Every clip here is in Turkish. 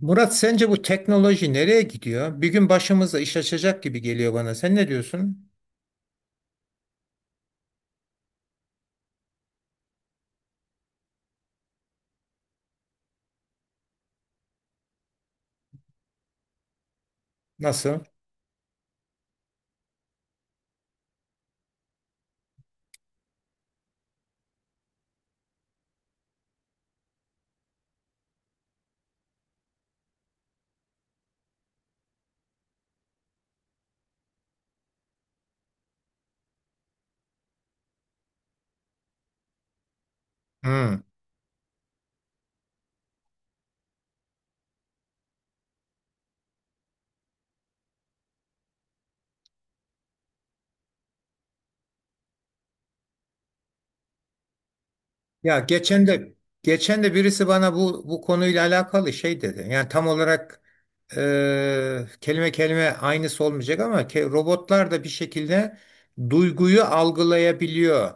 Murat sence bu teknoloji nereye gidiyor? Bir gün başımıza iş açacak gibi geliyor bana. Sen ne diyorsun? Nasıl? Hmm. Ya geçen de birisi bana bu konuyla alakalı şey dedi. Yani tam olarak kelime kelime aynısı olmayacak ama robotlar da bir şekilde duyguyu algılayabiliyor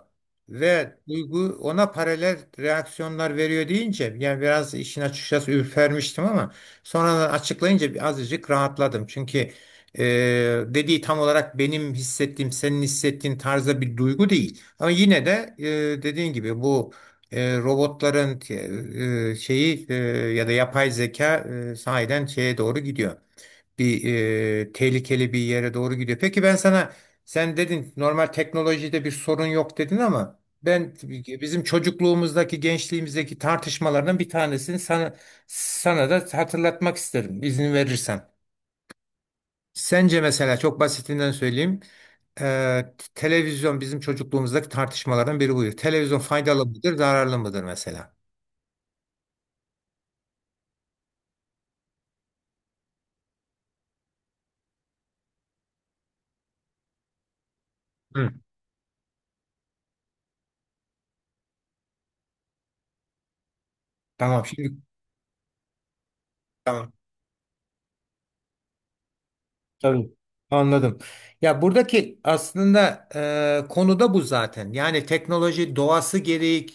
ve duygu ona paralel reaksiyonlar veriyor deyince yani biraz işin açıkçası ürpermiştim ama sonradan açıklayınca bir azıcık rahatladım. Çünkü e, dediği tam olarak benim hissettiğim, senin hissettiğin tarzda bir duygu değil. Ama yine de dediğin gibi bu robotların şeyi ya da yapay zeka sahiden şeye doğru gidiyor. Bir tehlikeli bir yere doğru gidiyor. Peki ben sana sen dedin normal teknolojide bir sorun yok dedin ama ben bizim çocukluğumuzdaki gençliğimizdeki tartışmalardan bir tanesini sana da hatırlatmak isterim izin verirsen. Sence mesela çok basitinden söyleyeyim. Televizyon bizim çocukluğumuzdaki tartışmalardan biri buydu. Televizyon faydalı mıdır, zararlı mıdır mesela? Hı. Tamam şimdi. Tamam, tabii, anladım. Ya buradaki aslında konu da bu zaten. Yani teknoloji doğası gereği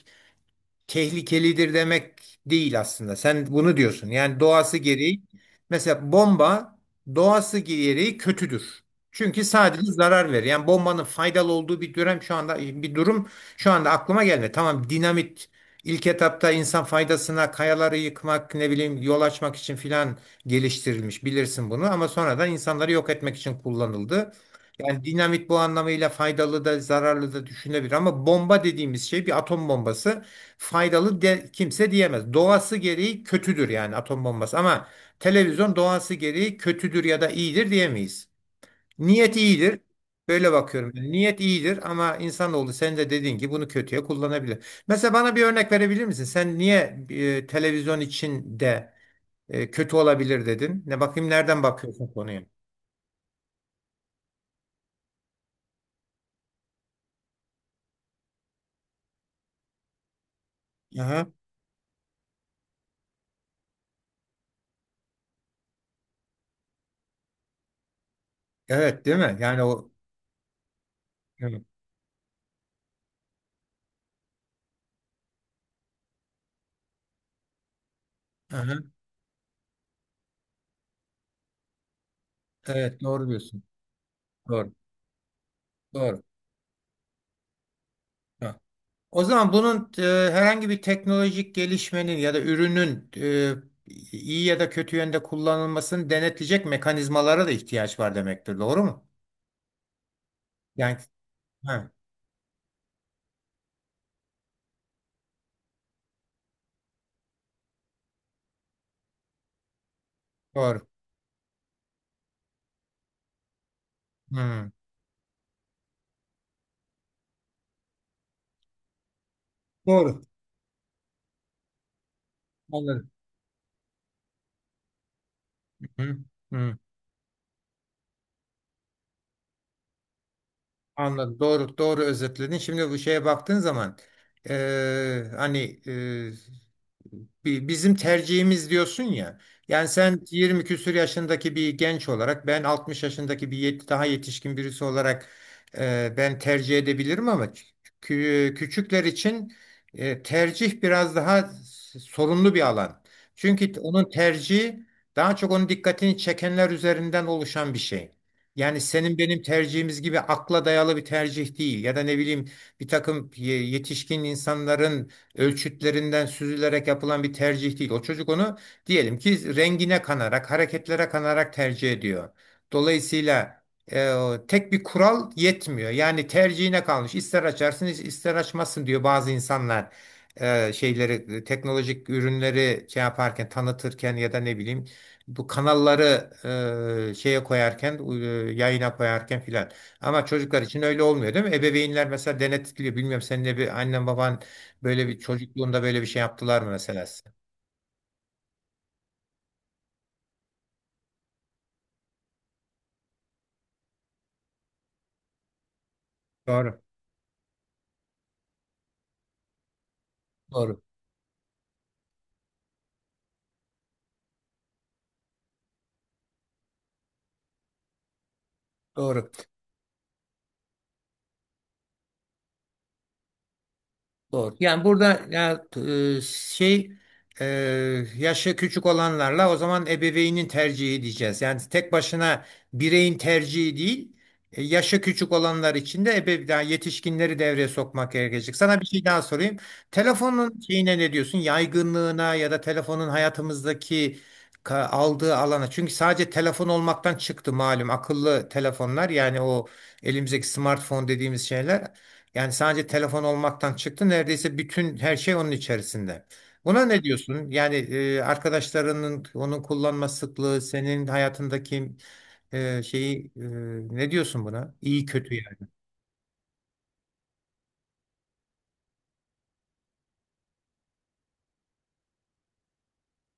tehlikelidir demek değil aslında. Sen bunu diyorsun. Yani doğası gereği mesela bomba doğası gereği kötüdür. Çünkü sadece zarar verir. Yani bombanın faydalı olduğu bir dönem şu anda bir durum şu anda aklıma gelmedi. Tamam, dinamit ilk etapta insan faydasına kayaları yıkmak ne bileyim yol açmak için filan geliştirilmiş bilirsin bunu ama sonradan insanları yok etmek için kullanıldı. Yani dinamit bu anlamıyla faydalı da zararlı da düşünebilir ama bomba dediğimiz şey bir atom bombası faydalı de, kimse diyemez. Doğası gereği kötüdür yani atom bombası ama televizyon doğası gereği kötüdür ya da iyidir diyemeyiz. Niyet iyidir. Böyle bakıyorum. Yani niyet iyidir ama insanoğlu sen de dediğin gibi bunu kötüye kullanabilir. Mesela bana bir örnek verebilir misin? Sen niye televizyon için de kötü olabilir dedin? Ne bakayım nereden bakıyorsun konuya? Aha. Evet, değil mi? Yani o evet. Aha. Evet, doğru diyorsun. Doğru. Doğru. Tamam. O zaman bunun herhangi bir teknolojik gelişmenin ya da ürünün iyi ya da kötü yönde kullanılmasını denetleyecek mekanizmalara da ihtiyaç var demektir. Doğru mu? Yani ha, doğru. Hmm, doğru. Anladım. Hı, hı, anladım. Doğru, doğru özetledin. Şimdi bu şeye baktığın zaman hani e, bizim tercihimiz diyorsun ya. Yani sen 20 küsur yaşındaki bir genç olarak ben 60 yaşındaki bir daha yetişkin birisi olarak ben tercih edebilirim ama küçükler için tercih biraz daha sorunlu bir alan. Çünkü onun tercihi daha çok onun dikkatini çekenler üzerinden oluşan bir şey. Yani senin benim tercihimiz gibi akla dayalı bir tercih değil ya da ne bileyim bir takım yetişkin insanların ölçütlerinden süzülerek yapılan bir tercih değil. O çocuk onu diyelim ki rengine kanarak, hareketlere kanarak tercih ediyor. Dolayısıyla e, tek bir kural yetmiyor. Yani tercihine kalmış. İster açarsın, ister açmazsın diyor bazı insanlar. Şeyleri, teknolojik ürünleri şey yaparken, tanıtırken ya da ne bileyim bu kanalları şeye koyarken, yayına koyarken filan. Ama çocuklar için öyle olmuyor değil mi? Ebeveynler mesela denetliyor. Bilmiyorum senin bir annen baban böyle bir çocukluğunda böyle bir şey yaptılar mı mesela size? Doğru. Doğru. Doğru. Doğru. Yani burada ya şey e, yaşı küçük olanlarla o zaman ebeveynin tercihi diyeceğiz. Yani tek başına bireyin tercihi değil, yaşı küçük olanlar için de ebe daha yetişkinleri devreye sokmak gerekecek. Sana bir şey daha sorayım. Telefonun şeyine ne diyorsun? Yaygınlığına ya da telefonun hayatımızdaki aldığı alana. Çünkü sadece telefon olmaktan çıktı malum akıllı telefonlar yani o elimizdeki smartphone dediğimiz şeyler yani sadece telefon olmaktan çıktı. Neredeyse bütün her şey onun içerisinde. Buna ne diyorsun? Yani arkadaşlarının onun kullanma sıklığı, senin hayatındaki şeyi ne diyorsun buna? İyi kötü yani.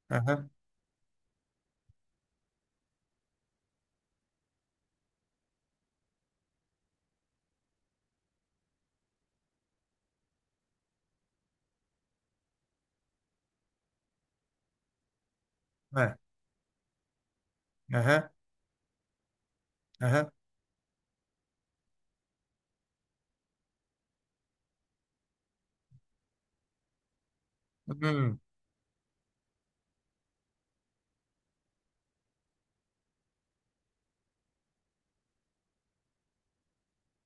Aha, aha, aha, aha. Hmm.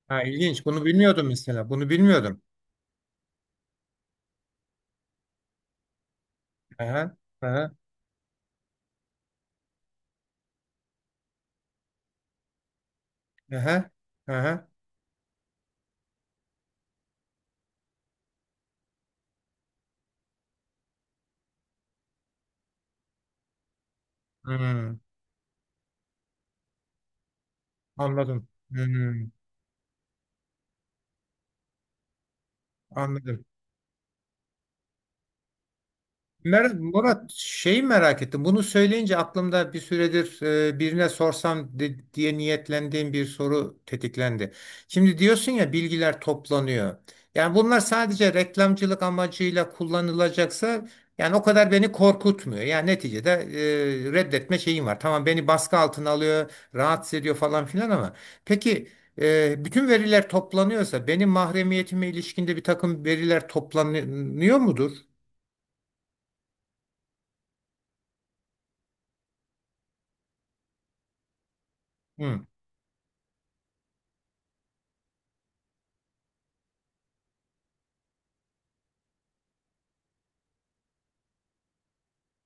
Ha, ilginç. Bunu bilmiyordum mesela. Bunu bilmiyordum. Aha, aha, aha, aha. Hmm. Anladım. Hmm. Anladım. Murat, şeyi merak ettim. Bunu söyleyince aklımda bir süredir birine sorsam diye niyetlendiğim bir soru tetiklendi. Şimdi diyorsun ya bilgiler toplanıyor. Yani bunlar sadece reklamcılık amacıyla kullanılacaksa yani o kadar beni korkutmuyor. Yani neticede reddetme şeyim var. Tamam, beni baskı altına alıyor, rahatsız ediyor falan filan ama peki bütün veriler toplanıyorsa benim mahremiyetime ilişkinde bir takım veriler toplanıyor mudur? Hı.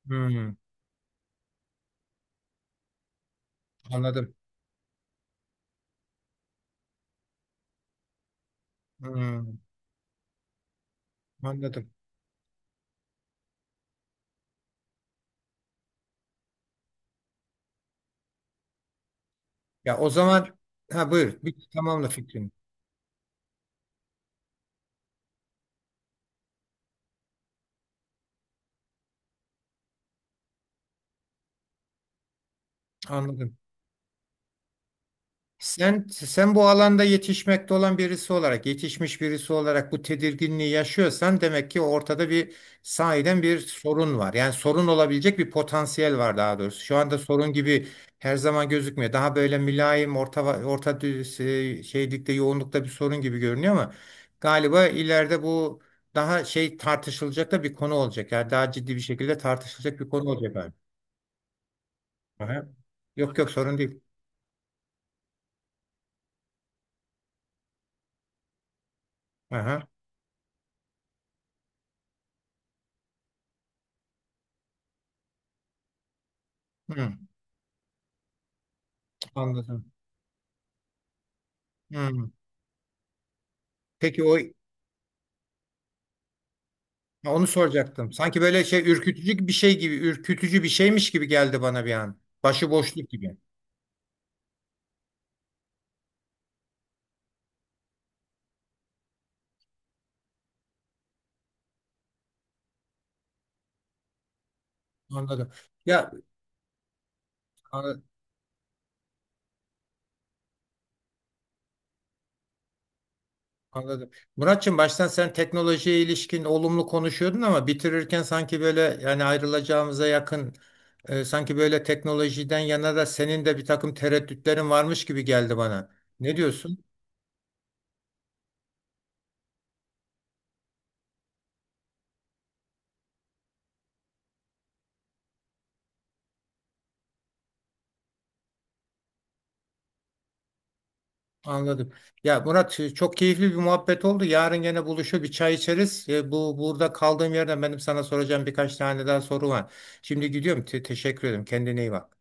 Hı. Anladım. Hmm, anladım. Ya o zaman ha buyur. Bir tamamla fikrini. Anladım. Sen bu alanda yetişmekte olan birisi olarak, yetişmiş birisi olarak bu tedirginliği yaşıyorsan demek ki ortada bir sahiden bir sorun var. Yani sorun olabilecek bir potansiyel var daha doğrusu. Şu anda sorun gibi her zaman gözükmüyor. Daha böyle mülayim, orta orta şeylikte, yoğunlukta bir sorun gibi görünüyor ama galiba ileride bu daha şey tartışılacak da bir konu olacak. Yani daha ciddi bir şekilde tartışılacak bir konu olacak abi. Aha. Yok yok, sorun değil. Aha. Hı, anladım. Hı. Peki o onu soracaktım. Sanki böyle şey ürkütücü bir şey gibi, ürkütücü bir şeymiş gibi geldi bana bir an. Başı boşluk gibi. Anladım. Ya an- anladım. Muratçım, baştan sen teknolojiye ilişkin olumlu konuşuyordun ama bitirirken sanki böyle yani ayrılacağımıza yakın sanki böyle teknolojiden yana da senin de bir takım tereddütlerin varmış gibi geldi bana. Ne diyorsun? Anladım. Ya Murat, çok keyifli bir muhabbet oldu. Yarın gene buluşup bir çay içeriz. E, bu burada kaldığım yerden benim sana soracağım birkaç tane daha soru var. Şimdi gidiyorum. Teşekkür ederim. Kendine iyi bak.